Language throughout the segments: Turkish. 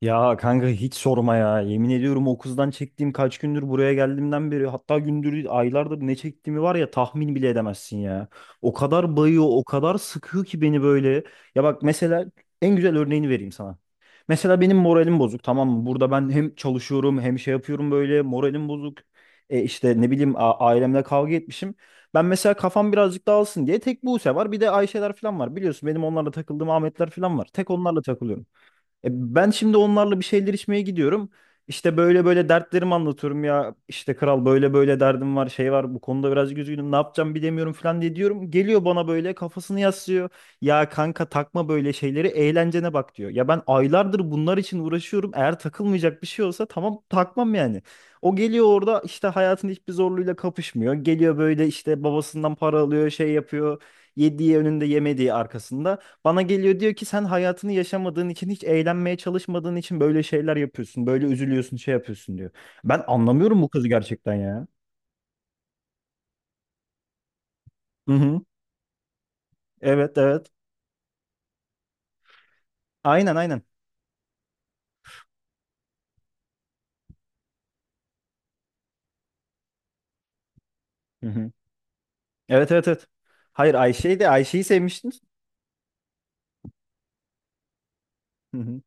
Ya kanka hiç sorma ya. Yemin ediyorum o kızdan çektiğim kaç gündür buraya geldiğimden beri hatta gündür aylardır ne çektiğimi var ya tahmin bile edemezsin ya. O kadar bayıyor, o kadar sıkıyor ki beni böyle. Ya bak mesela en güzel örneğini vereyim sana. Mesela benim moralim bozuk, tamam mı? Burada ben hem çalışıyorum hem şey yapıyorum, böyle moralim bozuk. E işte ne bileyim, ailemle kavga etmişim. Ben mesela kafam birazcık dağılsın diye tek Buse var, bir de Ayşeler falan var. Biliyorsun benim onlarla takıldığım Ahmetler falan var. Tek onlarla takılıyorum. E, Ben şimdi onlarla bir şeyler içmeye gidiyorum. İşte böyle böyle dertlerimi anlatıyorum ya. İşte kral böyle böyle derdim var, şey var. Bu konuda biraz üzgünüm. Ne yapacağım bilemiyorum falan diye diyorum. Geliyor bana böyle kafasını yaslıyor. Ya kanka takma böyle şeyleri, eğlencene bak diyor. Ya ben aylardır bunlar için uğraşıyorum. Eğer takılmayacak bir şey olsa tamam takmam yani. O geliyor orada işte hayatın hiçbir zorluğuyla kapışmıyor. Geliyor böyle işte babasından para alıyor, şey yapıyor. Yediği önünde, yemediği arkasında. Bana geliyor diyor ki sen hayatını yaşamadığın için, hiç eğlenmeye çalışmadığın için böyle şeyler yapıyorsun. Böyle üzülüyorsun, şey yapıyorsun diyor. Ben anlamıyorum bu kızı gerçekten ya. Hı hı. Evet evet. Aynen aynen. Hı hı. Evet evet evet. Hayır Ayşe'yi de, Ayşe'yi sevmiştin. Hı hı.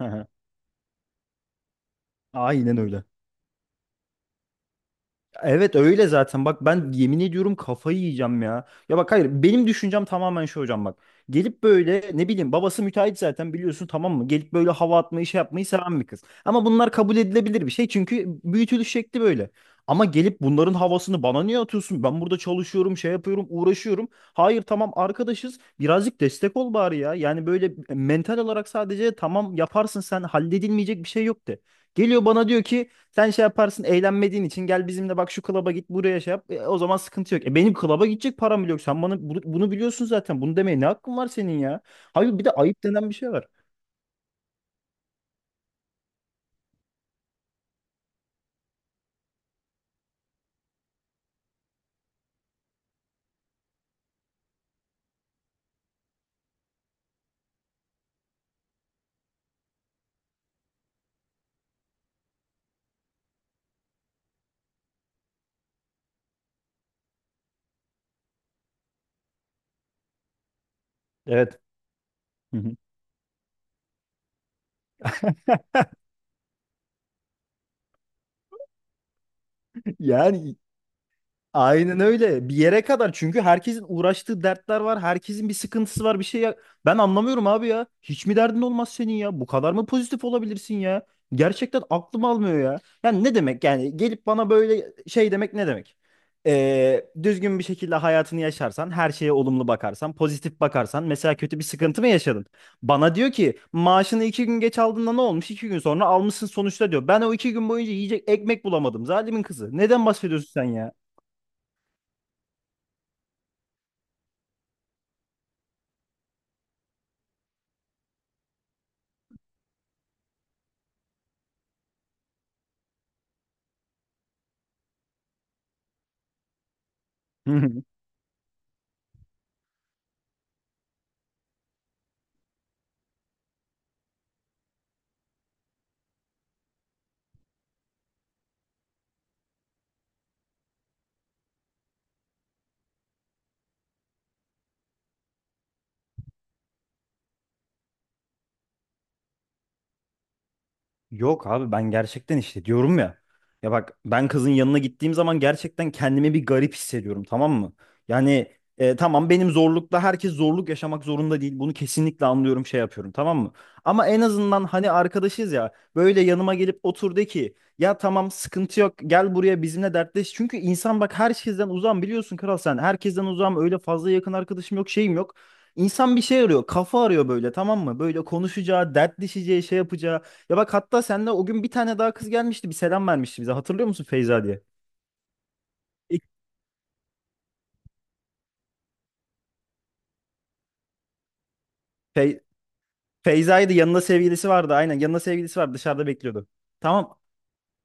Hı hı. Aynen öyle. Evet öyle zaten. Bak ben yemin ediyorum kafayı yiyeceğim ya. Ya bak hayır, benim düşüncem tamamen şu hocam bak. Gelip böyle ne bileyim, babası müteahhit zaten biliyorsun, tamam mı? Gelip böyle hava atmayı, şey yapmayı seven bir kız. Ama bunlar kabul edilebilir bir şey, çünkü büyütülüş şekli böyle. Ama gelip bunların havasını bana niye atıyorsun? Ben burada çalışıyorum, şey yapıyorum, uğraşıyorum. Hayır tamam, arkadaşız. Birazcık destek ol bari ya. Yani böyle mental olarak, sadece tamam yaparsın sen, halledilmeyecek bir şey yok de. Geliyor bana diyor ki sen şey yaparsın eğlenmediğin için, gel bizimle, bak şu klaba git, buraya şey yap. O zaman sıkıntı yok. E benim klaba gidecek param bile yok. Sen bana bunu, bunu biliyorsun zaten. Bunu demeye ne hakkın var senin ya? Hayır bir de ayıp denen bir şey var. Evet. Hı hı. Yani aynen öyle. Bir yere kadar, çünkü herkesin uğraştığı dertler var. Herkesin bir sıkıntısı var, bir şey ya. Ben anlamıyorum abi ya. Hiç mi derdin olmaz senin ya? Bu kadar mı pozitif olabilirsin ya? Gerçekten aklım almıyor ya. Yani ne demek, yani gelip bana böyle şey demek ne demek? Düzgün bir şekilde hayatını yaşarsan, her şeye olumlu bakarsan, pozitif bakarsan, mesela kötü bir sıkıntı mı yaşadın? Bana diyor ki maaşını iki gün geç aldığında ne olmuş? İki gün sonra almışsın sonuçta diyor. Ben o iki gün boyunca yiyecek ekmek bulamadım. Zalimin kızı. Neden bahsediyorsun sen ya? Yok abi ben gerçekten işte diyorum ya. Ya bak ben kızın yanına gittiğim zaman gerçekten kendimi bir garip hissediyorum, tamam mı? Yani tamam, benim zorlukla herkes zorluk yaşamak zorunda değil. Bunu kesinlikle anlıyorum, şey yapıyorum, tamam mı? Ama en azından hani arkadaşız ya, böyle yanıma gelip otur de ki ya tamam sıkıntı yok, gel buraya bizimle dertleş. Çünkü insan, bak herkesten uzağım biliyorsun kral, sen herkesten uzağım, öyle fazla yakın arkadaşım yok, şeyim yok. İnsan bir şey arıyor, kafa arıyor böyle, tamam mı? Böyle konuşacağı, dertleşeceği, şey yapacağı. Ya bak, hatta seninle o gün bir tane daha kız gelmişti. Bir selam vermişti bize. Hatırlıyor musun Feyza diye? İlk Fey Feyza'ydı. Yanında sevgilisi vardı. Aynen yanında sevgilisi vardı. Dışarıda bekliyordu. Tamam,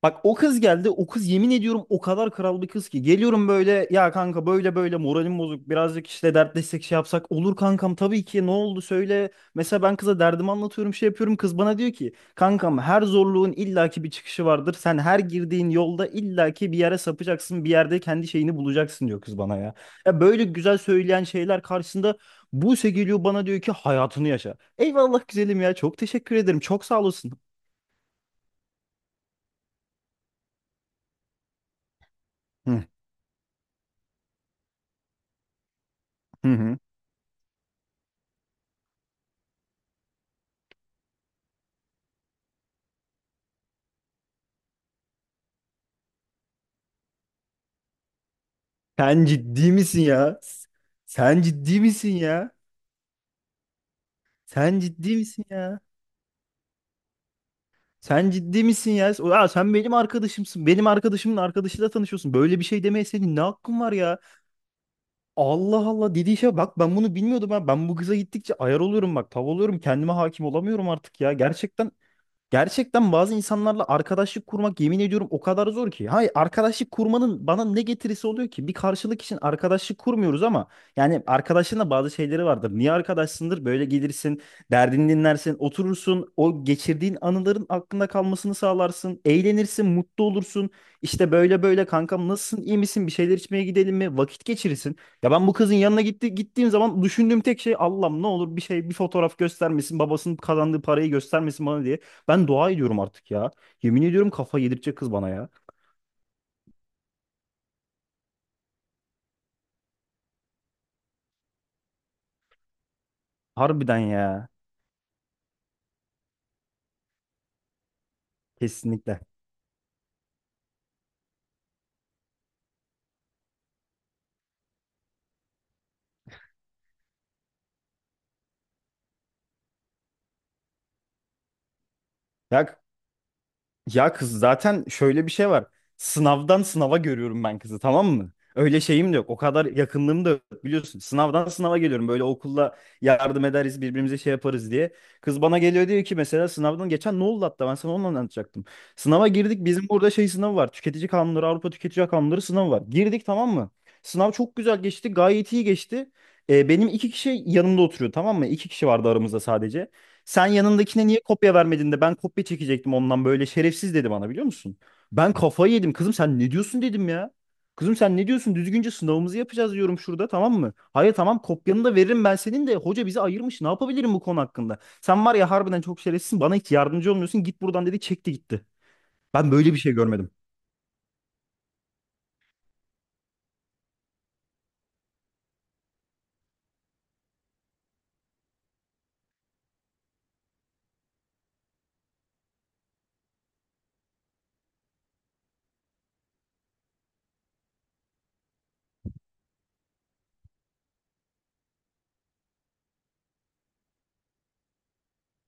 bak o kız geldi. O kız yemin ediyorum o kadar kral bir kız ki. Geliyorum böyle ya kanka böyle böyle moralim bozuk. Birazcık işte dertleşsek, şey yapsak. Olur kankam, tabii ki, ne oldu söyle. Mesela ben kıza derdimi anlatıyorum, şey yapıyorum. Kız bana diyor ki kankam, her zorluğun illaki bir çıkışı vardır. Sen her girdiğin yolda illaki bir yere sapacaksın. Bir yerde kendi şeyini bulacaksın diyor kız bana ya. Ya böyle güzel söyleyen şeyler karşısında Buse geliyor bana diyor ki hayatını yaşa. Eyvallah güzelim ya, çok teşekkür ederim, çok sağ olasın. Hı hı hı. Sen ciddi misin ya? Sen ciddi misin ya? Sen ciddi misin ya? Sen ciddi misin ya? Aa, sen benim arkadaşımsın. Benim arkadaşımın arkadaşıyla tanışıyorsun. Böyle bir şey demeye senin ne hakkın var ya? Allah Allah, dediği şey bak, ben bunu bilmiyordum ha. Ben bu kıza gittikçe ayar oluyorum bak. Tav oluyorum. Kendime hakim olamıyorum artık ya. Gerçekten bazı insanlarla arkadaşlık kurmak, yemin ediyorum, o kadar zor ki. Hayır, arkadaşlık kurmanın bana ne getirisi oluyor ki? Bir karşılık için arkadaşlık kurmuyoruz, ama yani arkadaşın da bazı şeyleri vardır. Niye arkadaşsındır? Böyle gelirsin, derdini dinlersin, oturursun, o geçirdiğin anıların aklında kalmasını sağlarsın, eğlenirsin, mutlu olursun. İşte böyle böyle kankam nasılsın, iyi misin, bir şeyler içmeye gidelim mi? Vakit geçirirsin. Ya ben bu kızın gittiğim zaman düşündüğüm tek şey Allah'ım ne olur bir şey, bir fotoğraf göstermesin, babasının kazandığı parayı göstermesin bana diye. Ben dua ediyorum artık ya. Yemin ediyorum kafa yedirecek kız bana ya. Harbiden ya. Kesinlikle. Ya Ya kız zaten şöyle bir şey var. Sınavdan sınava görüyorum ben kızı, tamam mı? Öyle şeyim de yok. O kadar yakınlığım da yok biliyorsun. Sınavdan sınava geliyorum. Böyle okulda yardım ederiz birbirimize, şey yaparız diye. Kız bana geliyor diyor ki mesela sınavdan geçen ne oldu, hatta ben sana onu anlatacaktım. Sınava girdik, bizim burada şey sınavı var. Tüketici kanunları, Avrupa Tüketici Kanunları sınavı var. Girdik, tamam mı? Sınav çok güzel geçti, gayet iyi geçti. Benim iki kişi yanımda oturuyor, tamam mı? İki kişi vardı aramızda sadece. Sen yanındakine niye kopya vermedin de ben kopya çekecektim ondan, böyle şerefsiz dedi bana biliyor musun? Ben kafayı yedim. Kızım sen ne diyorsun dedim ya. Kızım sen ne diyorsun? Düzgünce sınavımızı yapacağız diyorum şurada, tamam mı? Hayır tamam, kopyanı da veririm ben senin de. Hoca bizi ayırmış. Ne yapabilirim bu konu hakkında? Sen var ya, harbiden çok şerefsizsin. Bana hiç yardımcı olmuyorsun. Git buradan dedi, çekti gitti. Ben böyle bir şey görmedim.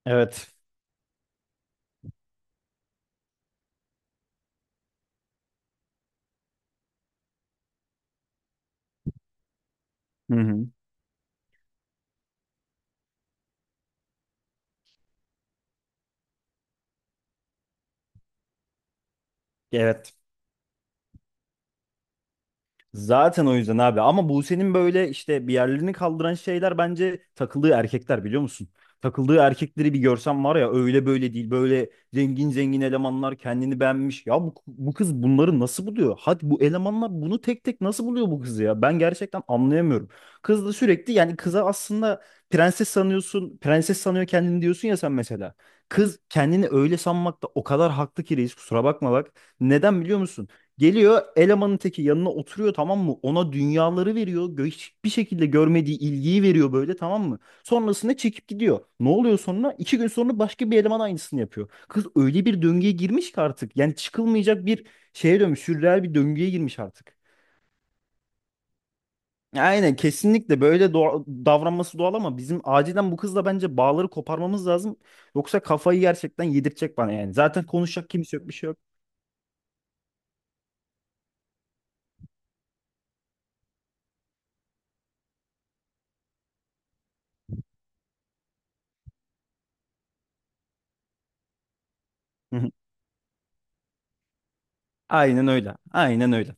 Evet. Hı hı. Evet. Zaten o yüzden abi, ama Buse'nin böyle işte bir yerlerini kaldıran şeyler, bence takıldığı erkekler biliyor musun? Takıldığı erkekleri bir görsem var ya, öyle böyle değil, böyle zengin zengin elemanlar, kendini beğenmiş. Ya bu kız bunları nasıl buluyor? Hadi bu elemanlar bunu tek tek nasıl buluyor bu kızı ya? Ben gerçekten anlayamıyorum. Kız da sürekli, yani kıza aslında prenses sanıyorsun, prenses sanıyor kendini diyorsun ya sen mesela. Kız kendini öyle sanmakta o kadar haklı ki reis, kusura bakma bak. Neden biliyor musun? Geliyor elemanın teki yanına oturuyor, tamam mı? Ona dünyaları veriyor. Hiçbir şekilde görmediği ilgiyi veriyor böyle, tamam mı? Sonrasında çekip gidiyor. Ne oluyor sonra? İki gün sonra başka bir eleman aynısını yapıyor. Kız öyle bir döngüye girmiş ki artık. Yani çıkılmayacak bir şeye dönmüş. Sürreel bir döngüye girmiş artık. Aynen kesinlikle, böyle davranması doğal, ama bizim acilen bu kızla bence bağları koparmamız lazım. Yoksa kafayı gerçekten yedirtecek bana yani. Zaten konuşacak kimse yok, bir şey yok. Hı hı. Aynen öyle. Aynen öyle.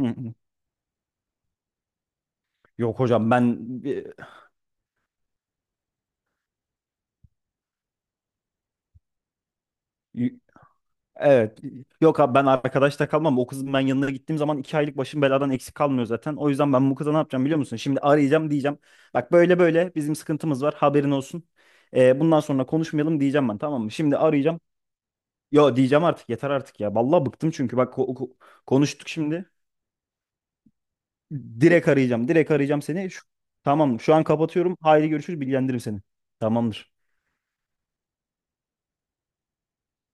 Hı hı. Yok hocam ben e, y- evet, yok abi ben arkadaşta kalmam. O kızın ben yanına gittiğim zaman iki aylık başım beladan eksik kalmıyor zaten. O yüzden ben bu kıza ne yapacağım biliyor musun? Şimdi arayacağım diyeceğim. Bak böyle böyle bizim sıkıntımız var, haberin olsun. Bundan sonra konuşmayalım diyeceğim ben, tamam mı? Şimdi arayacağım. Yo, diyeceğim, artık yeter artık ya. Vallahi bıktım, çünkü bak konuştuk şimdi. Direkt arayacağım. Direkt arayacağım seni. Tamam şu an kapatıyorum. Haydi görüşürüz, bilgilendiririm seni. Tamamdır.